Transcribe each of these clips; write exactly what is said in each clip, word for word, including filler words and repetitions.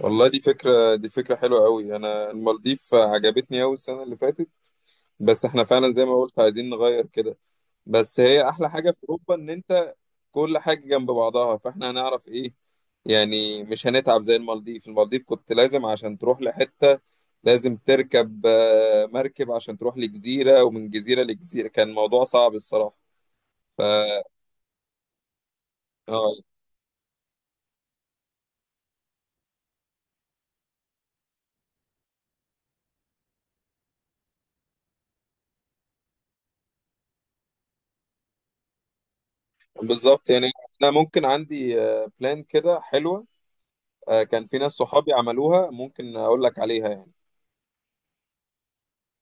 والله، دي فكرة دي فكرة حلوة قوي. أنا المالديف عجبتني أوي السنة اللي فاتت. بس إحنا فعلا زي ما قلت عايزين نغير كده. بس هي أحلى حاجة في أوروبا إن أنت كل حاجة جنب بعضها، فإحنا هنعرف إيه يعني، مش هنتعب زي المالديف المالديف كنت لازم عشان تروح لحتة لازم تركب آه، مركب عشان تروح لجزيرة، ومن جزيرة لجزيرة. كان الموضوع صعب الصراحة. ف آه، بالظبط يعني. أنا ممكن عندي بلان كده حلوة. آه، كان في ناس صحابي عملوها، ممكن اقول لك عليها يعني.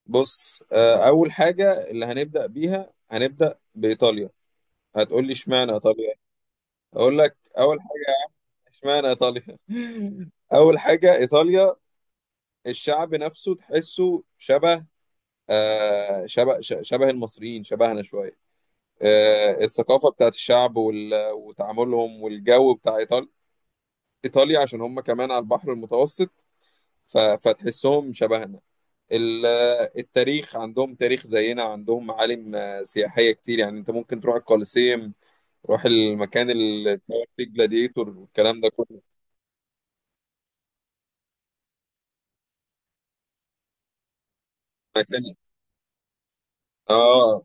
بص، آه، اول حاجه اللي هنبدا بيها هنبدا بايطاليا. هتقول لي اشمعنى ايطاليا؟ اقول لك اول حاجه اشمعنى ايطاليا. اول حاجه ايطاليا، الشعب نفسه تحسه شبه آه، شبه ش- شبه المصريين، شبهنا شويه. آه، الثقافه بتاعت الشعب وال- وتعاملهم والجو بتاع ايطاليا ايطاليا عشان هم كمان على البحر المتوسط، ف- فتحسهم شبهنا. ال- التاريخ عندهم تاريخ زينا، عندهم معالم آه، سياحية كتير. يعني انت ممكن تروح الكوليسيوم، تروح المكان اللي اتصور فيه جلاديتور والكلام ده كله. مكان اه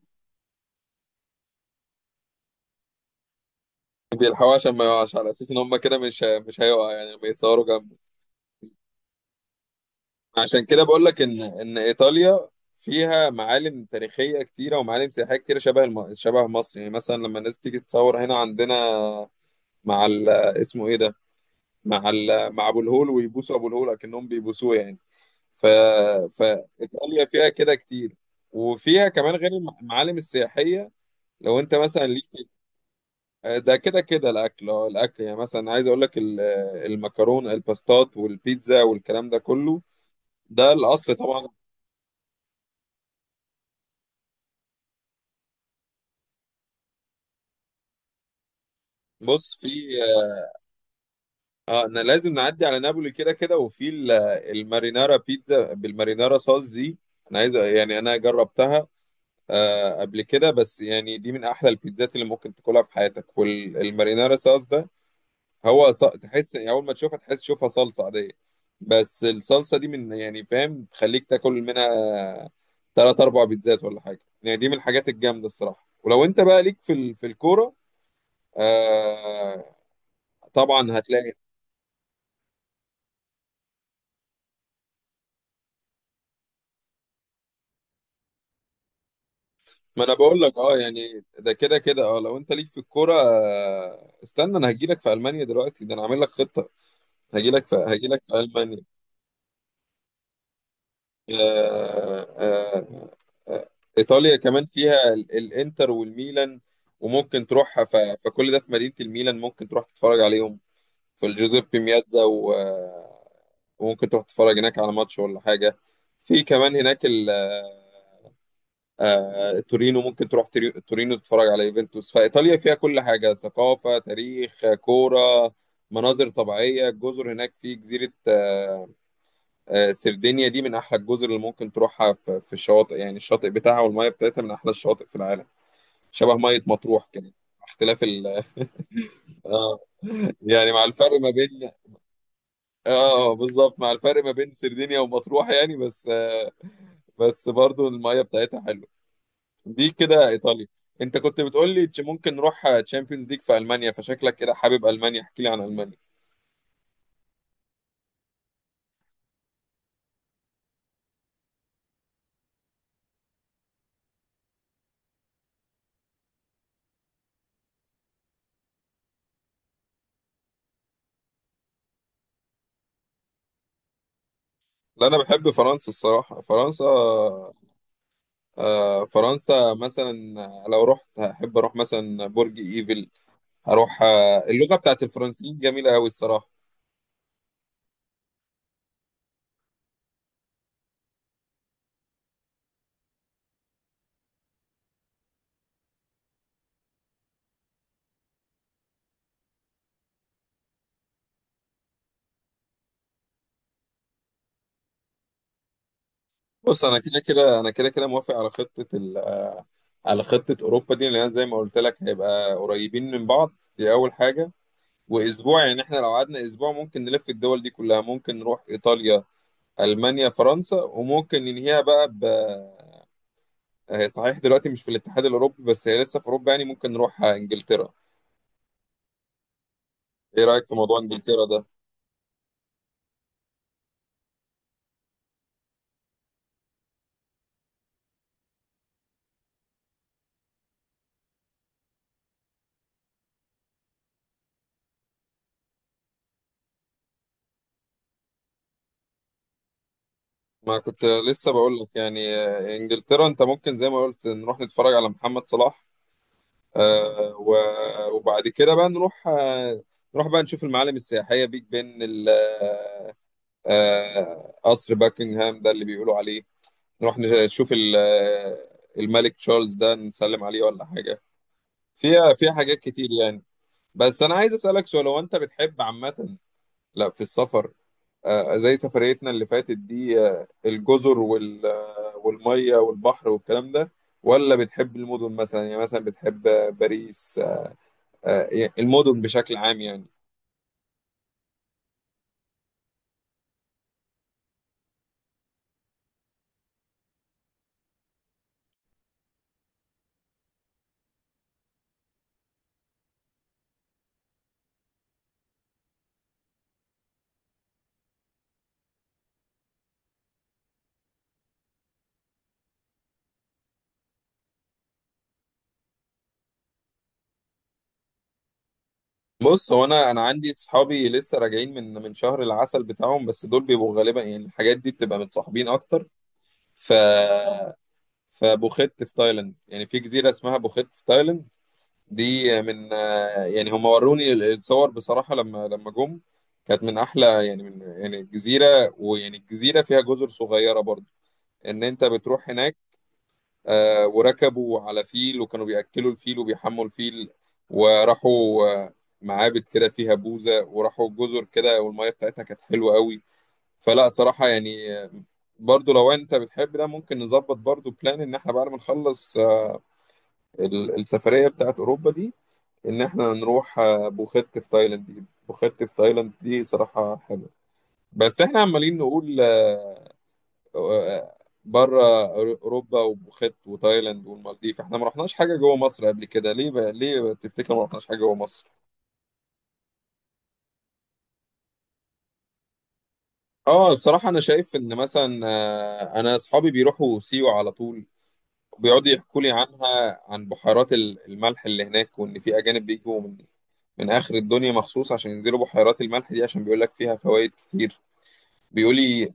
بيلحقوا عشان ما يقعش، على اساس ان هم كده مش مش هيقع يعني لما يتصوروا جنبه. عشان كده بقول لك ان ان ايطاليا فيها معالم تاريخية كتيرة ومعالم سياحية كتيرة، شبه الم... شبه مصر. يعني مثلا لما الناس تيجي تتصور هنا عندنا مع ال... اسمه ايه ده؟ مع ال... مع ابو الهول، ويبوسوا ابو الهول اكنهم بيبوسوه يعني. ف... فإيطاليا فيها كده كتير. وفيها كمان غير الم- المعالم السياحية، لو أنت مثلا ليك في آه، ده، كده كده الأكل. أه الأكل، يعني مثلا عايز أقول لك ال- المكرون، الباستات، والبيتزا، والكلام ده كله. ده الأصل طبعا. بص، في اه آه، أنا لازم نعدي على نابولي كده كده. وفي ال- المارينارا، بيتزا بالمارينارا صوص دي، أنا عايز يعني أنا جربتها آه قبل كده. بس يعني دي من أحلى البيتزات اللي ممكن تاكلها في حياتك. والمارينارا صوص ده، هو ص... تحس يعني اول ما تشوفها تحس تشوفها صلصه عاديه. بس الصلصه دي من يعني، فاهم، تخليك تاكل منها تلات اربع بيتزات ولا حاجه. يعني دي من الحاجات الجامده الصراحه. ولو انت بقى ليك في ال... في الكوره، آه... طبعا هتلاقي. ما انا بقول لك، اه يعني ده كده كده، اه لو انت ليك في الكوره، آه... استنى، انا هجيلك في المانيا دلوقتي، ده انا عامل لك خطه. هجيلك في هجيلك في المانيا. آه، آه، آه، آه، ايطاليا كمان فيها ال- الانتر والميلان، وممكن تروح ف- فكل ده في مدينة الميلان. ممكن تروح تتفرج عليهم في الجوزيبي مياتزا، و- آه، وممكن تروح تتفرج هناك على ماتش ولا حاجة. في كمان هناك ال- آه، آه، تورينو. ممكن تروح تري- تورينو تتفرج على يوفنتوس. فإيطاليا فيها كل حاجة: ثقافة، تاريخ، كورة، مناظر طبيعية، الجزر هناك. في جزيرة آه، آه، سردينيا، دي من احلى الجزر اللي ممكن تروحها. في في الشواطئ يعني، الشاطئ بتاعها والميه بتاعتها من احلى الشواطئ في العالم. شبه ميه مطروح كده. اختلاف ال. اه، يعني مع الفرق ما بين. اه بالظبط، مع الفرق ما بين سردينيا ومطروح يعني، بس آه، بس برضو الميه بتاعتها حلوه. دي كده ايطاليا. انت كنت بتقول لي تش- ممكن نروح تشامبيونز ليج في المانيا، فشكلك كده حابب المانيا، احكي لي عن المانيا. لا انا بحب فرنسا الصراحه. فرنسا آه، فرنسا مثلا، آه، لو رحت هحب اروح مثلا برج ايفل. هروح آه، اللغه بتاعت الفرنسيين جميله قوي الصراحه. بص، انا كده كده انا كده كده موافق على خطه ال آه، على خطه اوروبا دي، لان زي ما قلت لك هيبقى قريبين من بعض، دي اول حاجه. واسبوع يعني احنا لو قعدنا اسبوع ممكن نلف الدول دي كلها. ممكن نروح ايطاليا، المانيا، فرنسا، وممكن ننهيها بقى ب هي صحيح دلوقتي مش في الاتحاد الاوروبي، بس هي لسه في اوروبا، يعني ممكن نروح آه، انجلترا. ايه رايك في موضوع انجلترا ده؟ ما كنت لسه بقول لك يعني، آه، انجلترا انت ممكن زي ما قلت نروح نتفرج على محمد صلاح. آه، و- وبعد كده بقى نروح، آه، نروح بقى نشوف المعالم السياحية: بيج بن، ال- آه، آه، قصر باكنغهام ده اللي بيقولوا عليه. نروح نشوف ال- آه، الملك تشارلز ده نسلم عليه ولا حاجة. فيها فيها حاجات كتير يعني. بس انا عايز اسألك سؤال. هو انت بتحب عامة، لا، في السفر آه، زي سفريتنا اللي فاتت دي، آه، الجزر وال آه، والمية والبحر والكلام ده، ولا بتحب المدن مثلا؟ يعني مثلا بتحب آه، باريس، آه، آه، يعني المدن بشكل عام يعني. بص، هو انا انا عندي صحابي لسه راجعين من من شهر العسل بتاعهم، بس دول بيبقوا غالبا يعني الحاجات دي بتبقى متصاحبين اكتر. ف فبوخت في تايلاند، يعني في جزيرة اسمها بوخت في تايلاند، دي من آه، يعني هم وروني ال- الصور بصراحة لما لما جم. كانت من أحلى يعني، من يعني الجزيرة، ويعني الجزيرة فيها جزر صغيرة برضو إن أنت بتروح هناك. آه، وركبوا على فيل وكانوا بيأكلوا الفيل وبيحموا الفيل، وراحوا آه، معابد كده فيها بوزة، وراحوا جزر كده، والمية بتاعتها كانت حلوة قوي. فلا صراحة يعني، آه، برضو لو أنت بتحب ده ممكن نظبط برضو بلان إن إحنا بعد ما نخلص آه، ال- السفرية بتاعت أوروبا دي، ان احنا نروح آه، بوخت في تايلاند. دي بوخت في تايلاند دي صراحة حلوة. بس احنا عمالين نقول آه، آه، بره أورو- اوروبا وبوخت وتايلاند والمالديف، احنا ما رحناش حاجة جوه مصر قبل كده. ليه بقى؟ ليه تفتكر ما رحناش حاجة جوه مصر؟ اه بصراحة انا شايف ان مثلا، آه، انا اصحابي بيروحوا سيوة على طول. بيقعدوا يحكوا لي عنها، عن بحيرات ال- الملح اللي هناك، وان في اجانب بيجوا من من اخر الدنيا مخصوص عشان ينزلوا بحيرات الملح دي، عشان بيقول لك فيها فوائد كتير. بيقول لي،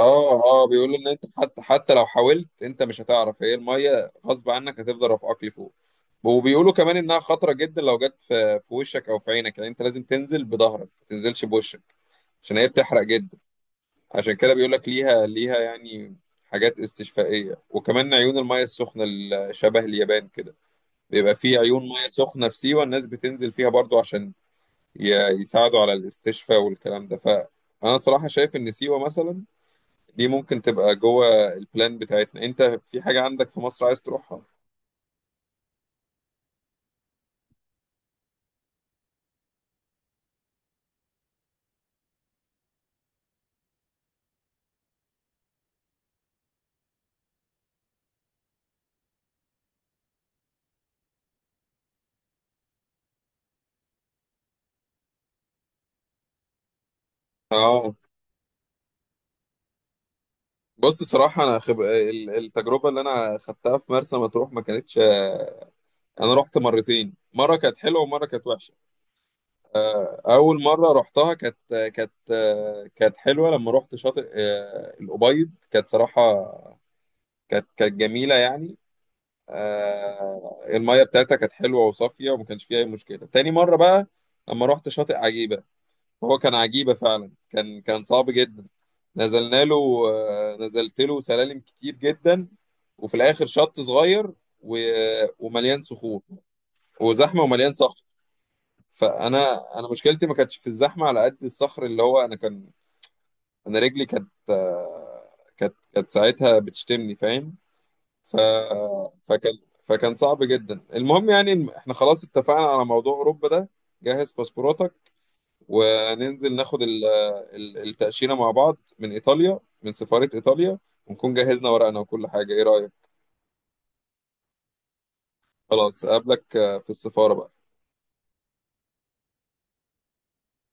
اه، اه، بيقولوا ان انت حتى حتى لو حاولت انت مش هتعرف. هي الميه غصب عنك هتفضل رافعاك لفوق. وبيقولوا كمان انها خطره جدا لو جت في في وشك او في عينك، يعني انت لازم تنزل بظهرك ما تنزلش بوشك عشان هي بتحرق جدا. عشان كده بيقول لك ليها ليها يعني حاجات استشفائيه. وكمان عيون الميه السخنه، ال- شبه اليابان كده بيبقى في عيون ميه سخنه في سيوه، الناس بتنزل فيها برضو عشان ي- يساعدوا على الاستشفاء والكلام ده. فانا صراحه شايف ان سيوه مثلا دي ممكن تبقى جوه البلان بتاعتنا. انت في حاجة عندك في مصر عايز تروحها؟ اه، بص صراحة، انا خب... ال- التجربة اللي انا خدتها في مرسى مطروح ما كانتش آه، انا رحت مرتين، مرة كانت حلوة ومرة كانت وحشة. آه، اول مرة رحتها كانت كانت آه، كانت حلوة لما رحت شاطئ آه، الأبيض. كانت صراحة كانت كانت جميلة يعني. آه، المية بتاعتها كانت حلوة وصافية وما كانش فيها اي مشكلة. تاني مرة بقى لما رحت شاطئ عجيبة، هو كان عجيبة فعلا، كان كان صعب جدا. نزلنا له آه، نزلت له سلالم كتير جدا، وفي الآخر شط صغير و... ومليان صخور وزحمة، ومليان صخر. فأنا أنا مشكلتي ما كانتش في الزحمة على قد الصخر. اللي هو أنا كان أنا رجلي كانت آه، كانت كانت ساعتها بتشتمني فاهم. ف... فكان فكان صعب جدا. المهم يعني إن إحنا خلاص اتفقنا على موضوع أوروبا ده. جهز باسبوراتك وننزل ناخد ال- ال- التأشيرة مع بعض من إيطاليا، من سفارة إيطاليا، ونكون جهزنا ورقنا وكل حاجة. إيه رأيك؟ خلاص أقابلك آه، في السفارة بقى.